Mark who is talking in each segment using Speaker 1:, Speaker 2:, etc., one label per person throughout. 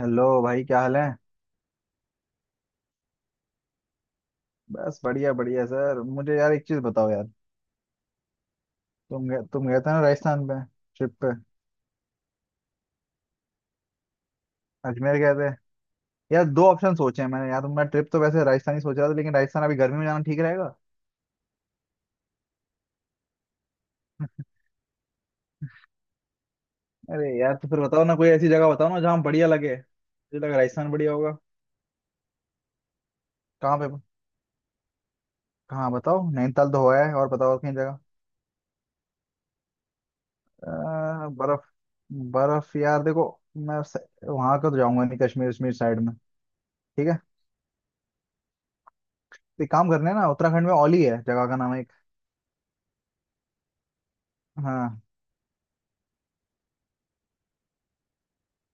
Speaker 1: Hello भाई क्या हाल है। बस बढ़िया बढ़िया सर मुझे यार एक चीज बताओ यार। तुम गए थे ना राजस्थान पे ट्रिप पे। अजमेर गए थे। यार दो ऑप्शन सोचे हैं मैंने यार तो मैं ट्रिप तो वैसे राजस्थान ही सोच रहा था लेकिन राजस्थान अभी गर्मी में जाना ठीक रहेगा। अरे यार तो फिर बताओ ना कोई ऐसी जगह बताओ ना जहाँ बढ़िया लगे मुझे लगा राजस्थान बढ़िया होगा। कहाँ पे। कहाँ बताओ नैनीताल तो हुआ है और बताओ और कहीं जगह। बर्फ बर्फ यार देखो। मैं स... वहां का तो जाऊंगा नहीं कश्मीर वश्मीर साइड में। ठीक है। तो एक काम करने हैं ना उत्तराखंड में औली है जगह का नाम एक। हाँ।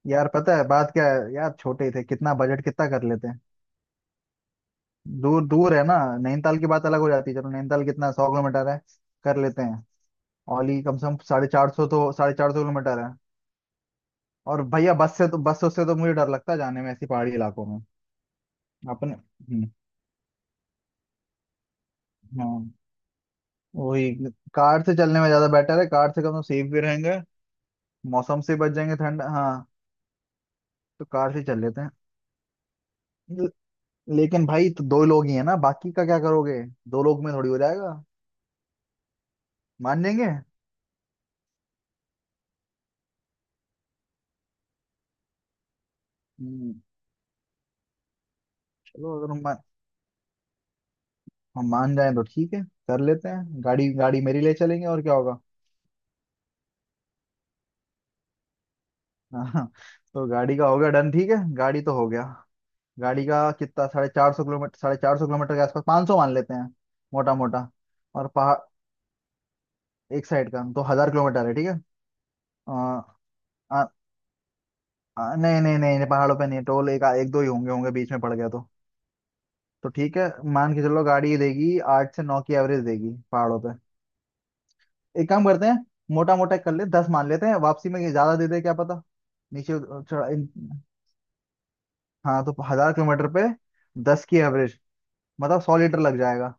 Speaker 1: यार पता है बात क्या है यार छोटे ही थे कितना बजट कितना कर लेते हैं। दूर दूर है ना। नैनीताल की बात अलग हो जाती है चलो नैनीताल कितना सौ किलोमीटर है कर लेते हैं। औली कम से कम साढ़े चार सौ तो साढ़े चार सौ किलोमीटर है। और भैया बस से तो बस उससे तो मुझे डर लगता है जाने में ऐसी पहाड़ी इलाकों में। अपने हाँ। वही। कार से चलने में ज्यादा बेटर है कार से कम तो सेफ भी रहेंगे। मौसम से बच जाएंगे ठंड हाँ। तो कार से चल लेते हैं। ल- लेकिन भाई तो दो लोग ही है ना बाकी का क्या करोगे। दो लोग में थोड़ी हो जाएगा। मान जाएंगे। चलो अगर हम मान जाए तो ठीक है। कर लेते हैं गाड़ी गाड़ी मेरी ले चलेंगे और क्या होगा। हाँ। तो गाड़ी का हो गया डन ठीक है गाड़ी तो हो गया। गाड़ी का कितना 450 किलोमीटर साढ़े चार सौ किलोमीटर के आसपास 500 मान लेते हैं मोटा मोटा। और पहाड़ एक साइड का तो 1000 किलोमीटर है ठीक है। आ, आ, आ, नहीं नहीं नहीं नहीं, पहाड़ों पे नहीं टोल एक एक दो ही होंगे होंगे बीच में पड़ गया तो। तो ठीक है। मान के चलो गाड़ी देगी 8 से 9 की एवरेज देगी पहाड़ों पे। एक काम करते हैं। मोटा मोटा कर ले 10 मान लेते हैं वापसी में ये ज्यादा दे दे क्या पता। नीचे उत- चढ़ा इन- हाँ तो 1000 किलोमीटर पे 10 की एवरेज मतलब 100 लीटर लग जाएगा।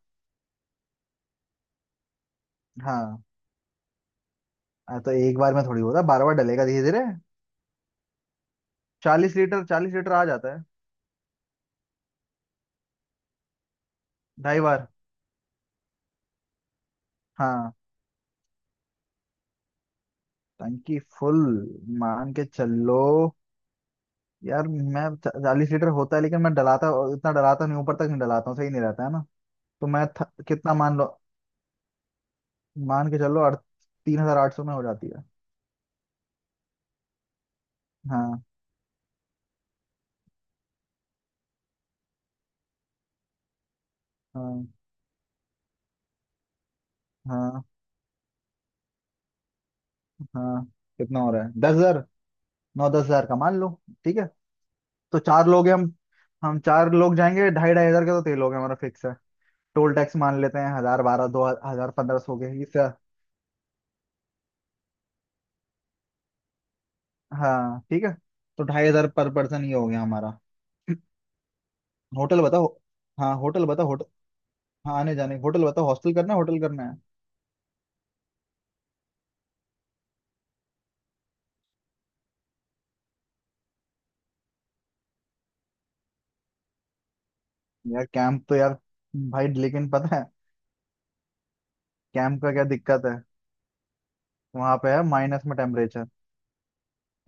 Speaker 1: हाँ। तो एक बार में थोड़ी होता बार बार डलेगा धीरे धीरे। 40 लीटर 40 लीटर आ जाता है। ढाई बार। हाँ। टंकी फुल मान के चलो यार मैं 40 लीटर होता है लेकिन मैं डलाता इतना डलाता नहीं ऊपर तक नहीं डलाता हूँ सही नहीं रहता है ना तो कितना मान लो। मान के चलो अड़ 3800 में हो जाती है। हाँ हाँ हाँ हाँ। कितना हो रहा है 10000 नौ 10000 का मान लो ठीक है। तो चार लोग हैं हम। हम चार लोग जाएंगे ढाई 2500 का तो तेल हो गया हमारा फिक्स है। टोल टैक्स मान लेते हैं हजार बारह 2000 1500 हो गया इससे। हाँ ठीक है। तो 2500 पर पर्सन ये हो गया हमारा। होटल बताओ। हाँ होटल बताओ होटल। हाँ आने जाने होटल बताओ हॉस्टल करना है होटल करना है। यार कैंप तो यार भाई लेकिन पता है कैंप का क्या दिक्कत है। वहां पे है माइनस में टेम्परेचर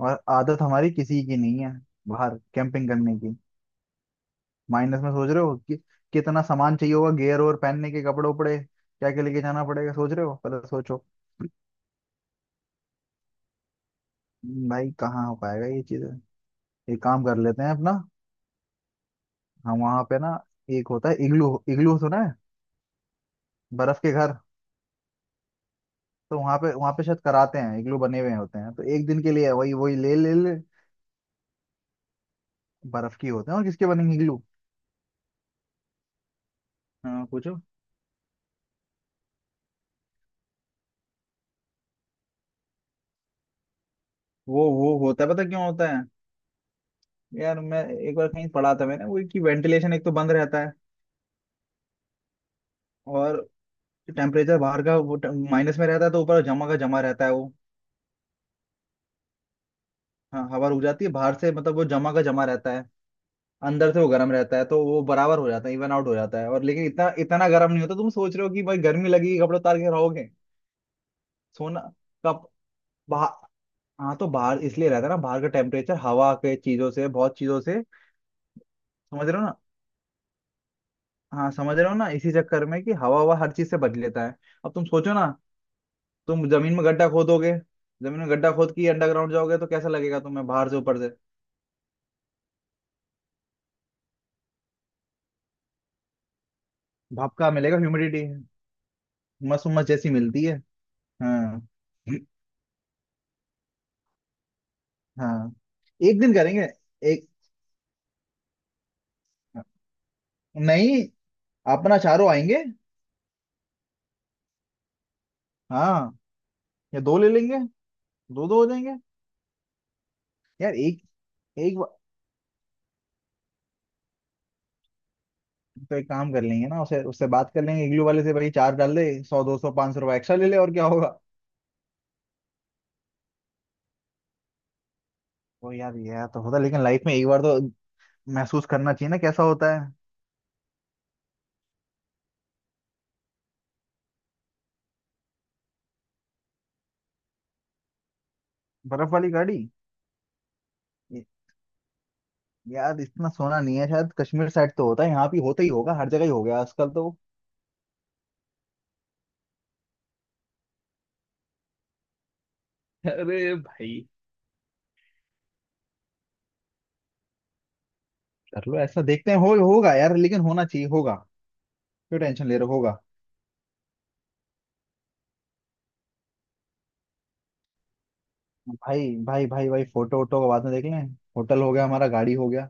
Speaker 1: और आदत हमारी किसी की नहीं है बाहर कैंपिंग करने की। माइनस में सोच रहे हो कि कितना सामान चाहिए होगा गियर और पहनने के कपड़े उपड़े क्या क्या लेके जाना पड़ेगा सोच रहे हो पहले सोचो। भाई कहाँ हो पाएगा ये चीज। एक काम कर लेते हैं अपना। हम वहाँ पे ना एक होता है इग्लू इग्लू सुना है। बर्फ के घर। तो वहाँ पे शायद कराते हैं इग्लू बने हुए होते हैं तो एक दिन के लिए वही वही ले ले ले। बर्फ की होते हैं और किसके बनेंगे इग्लू। हाँ पूछो। वो होता है पता क्यों होता है। यार मैं एक बार कहीं पढ़ा था मैंने वो कि वेंटिलेशन एक तो बंद रहता है। और टेम्परेचर बाहर का वो माइनस में रहता है तो ऊपर जमा का जमा रहता है वो। हाँ हवा रुक जाती है बाहर से मतलब वो जमा का जमा रहता है अंदर से वो गर्म रहता है तो वो बराबर हो जाता है इवन आउट हो जाता है और लेकिन इतना इतना गर्म नहीं होता तुम सोच रहे हो कि भाई गर्मी लगेगी कपड़े उतार के रहोगे। सोना। कप। बाहर। हाँ तो बाहर इसलिए रहता है ना बाहर का टेम्परेचर हवा के चीजों से बहुत चीजों से समझ रहे हो ना। हाँ समझ रहे हो ना इसी चक्कर में कि हवा हवा हर चीज से बच लेता है। अब तुम सोचो ना। तुम जमीन में गड्ढा खोदोगे जमीन में गड्ढा खोद के अंडरग्राउंड जाओगे तो कैसा लगेगा तुम्हें बाहर से ऊपर से। भाप का मिलेगा ह्यूमिडिटी मस्त उम्मस जैसी मिलती है। हाँ हाँ एक दिन करेंगे एक नहीं अपना चारों आएंगे। हाँ या दो ले लेंगे दो दो हो जाएंगे। यार एक एक बा- तो एक काम कर लेंगे ना उसे उससे बात कर लेंगे इग्लू वाले से भाई चार डाल दे 100 200 500 रुपये एक्स्ट्रा ले ले और क्या होगा। तो यार यह तो होता लेकिन लाइफ में एक बार तो महसूस करना चाहिए ना कैसा होता है। बर्फ वाली गाड़ी। ये- यार इतना सोना नहीं है शायद कश्मीर साइड तो होता है यहाँ भी होता ही होगा हर जगह ही हो गया आजकल तो। अरे भाई। कर लो ऐसा देखते हैं हो होगा यार लेकिन होना चाहिए होगा। क्यों टेंशन ले रहे हो होगा। भाई भाई भाई भाई फोटो वोटो का बाद में देख लें। होटल हो गया हमारा गाड़ी हो गया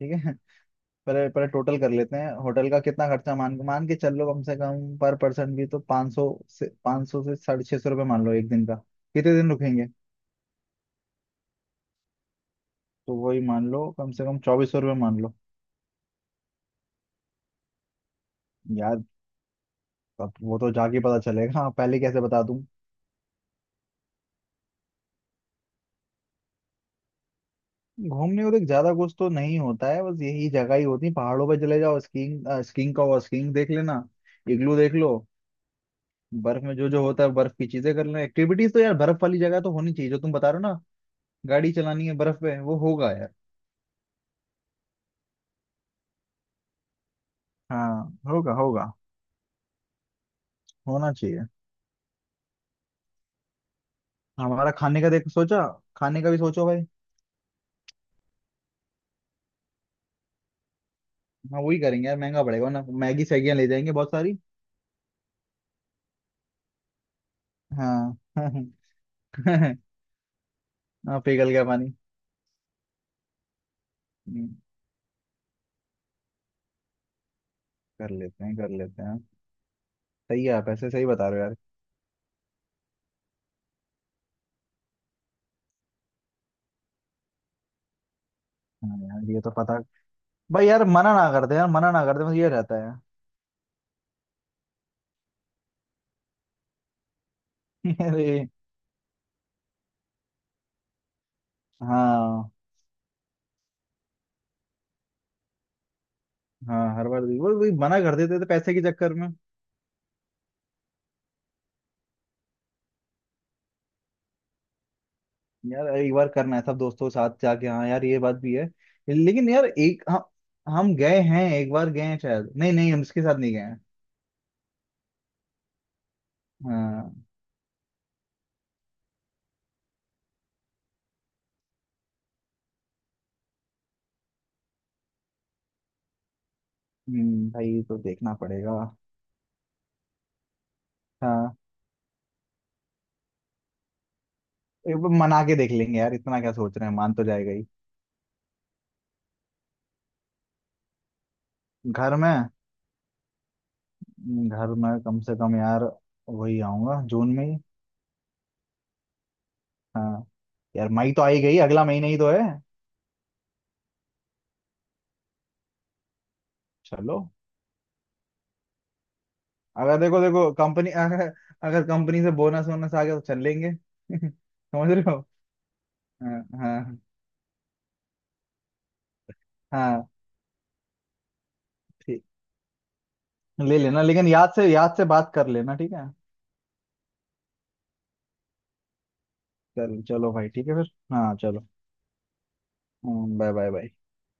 Speaker 1: ठीक है। पहले पहले टोटल कर लेते हैं होटल का कितना खर्चा मान मान के चल लो कम से कम पर पर्सन भी तो 500 से 500 से 650 रुपये मान लो एक दिन का। कितने दिन रुकेंगे। तो वही मान लो कम से कम 2400 रुपये मान लो। यार अब वो तो जाके पता चलेगा पहले कैसे बता। घूमने को देख ज्यादा कुछ तो नहीं होता है बस यही जगह ही होती है पहाड़ों पर चले जाओ स्कीइंग स्कीइंग का हुआ स्कीइंग देख लेना इग्लू देख लो। बर्फ में जो जो होता है बर्फ की चीजें कर लेना एक्टिविटीज तो यार बर्फ वाली जगह तो होनी चाहिए जो तुम बता रहे हो ना। गाड़ी चलानी है बर्फ पे वो होगा यार। हाँ होगा होगा होना चाहिए। हमारा खाने का देख सोचा। खाने का भी सोचो भाई। हाँ वही करेंगे यार महंगा पड़ेगा ना मैगी सैगियां ले जाएंगे बहुत सारी। हाँ हाँ पिघल गया पानी। हम्म, कर लेते हैं कर लेते हैं। सही है आप ऐसे सही बता रहे हो यार। यार, ये तो पता भाई यार मना ना कर दे यार मना ना कर दे बस ये रहता है। अरे हाँ। हाँ हर बार वही वही मना कर देते थे पैसे के चक्कर में। यार एक बार करना है सब दोस्तों के साथ जाके हाँ यार ये बात भी है लेकिन यार एक हम गए हैं एक बार गए हैं शायद नहीं नहीं हम इसके साथ नहीं गए हैं। हाँ। भाई ये तो देखना पड़ेगा। हाँ एक बार मना के देख लेंगे यार इतना क्या सोच रहे हैं मान तो जाएगा ही। घर में। घर में कम से कम यार वही आऊंगा जून में ही। हाँ। यार मई तो आ ही गई अगला महीना ही तो है। चलो। अगर देखो देखो कंपनी अगर, अगर कंपनी से बोनस वोनस आ गया तो चल लेंगे समझ रहे हो। हाँ हाँ हाँ ठीक। ले लेना लेकिन याद से बात कर लेना ठीक है। चल चलो भाई ठीक है फिर। हाँ चलो। Bye bye bye.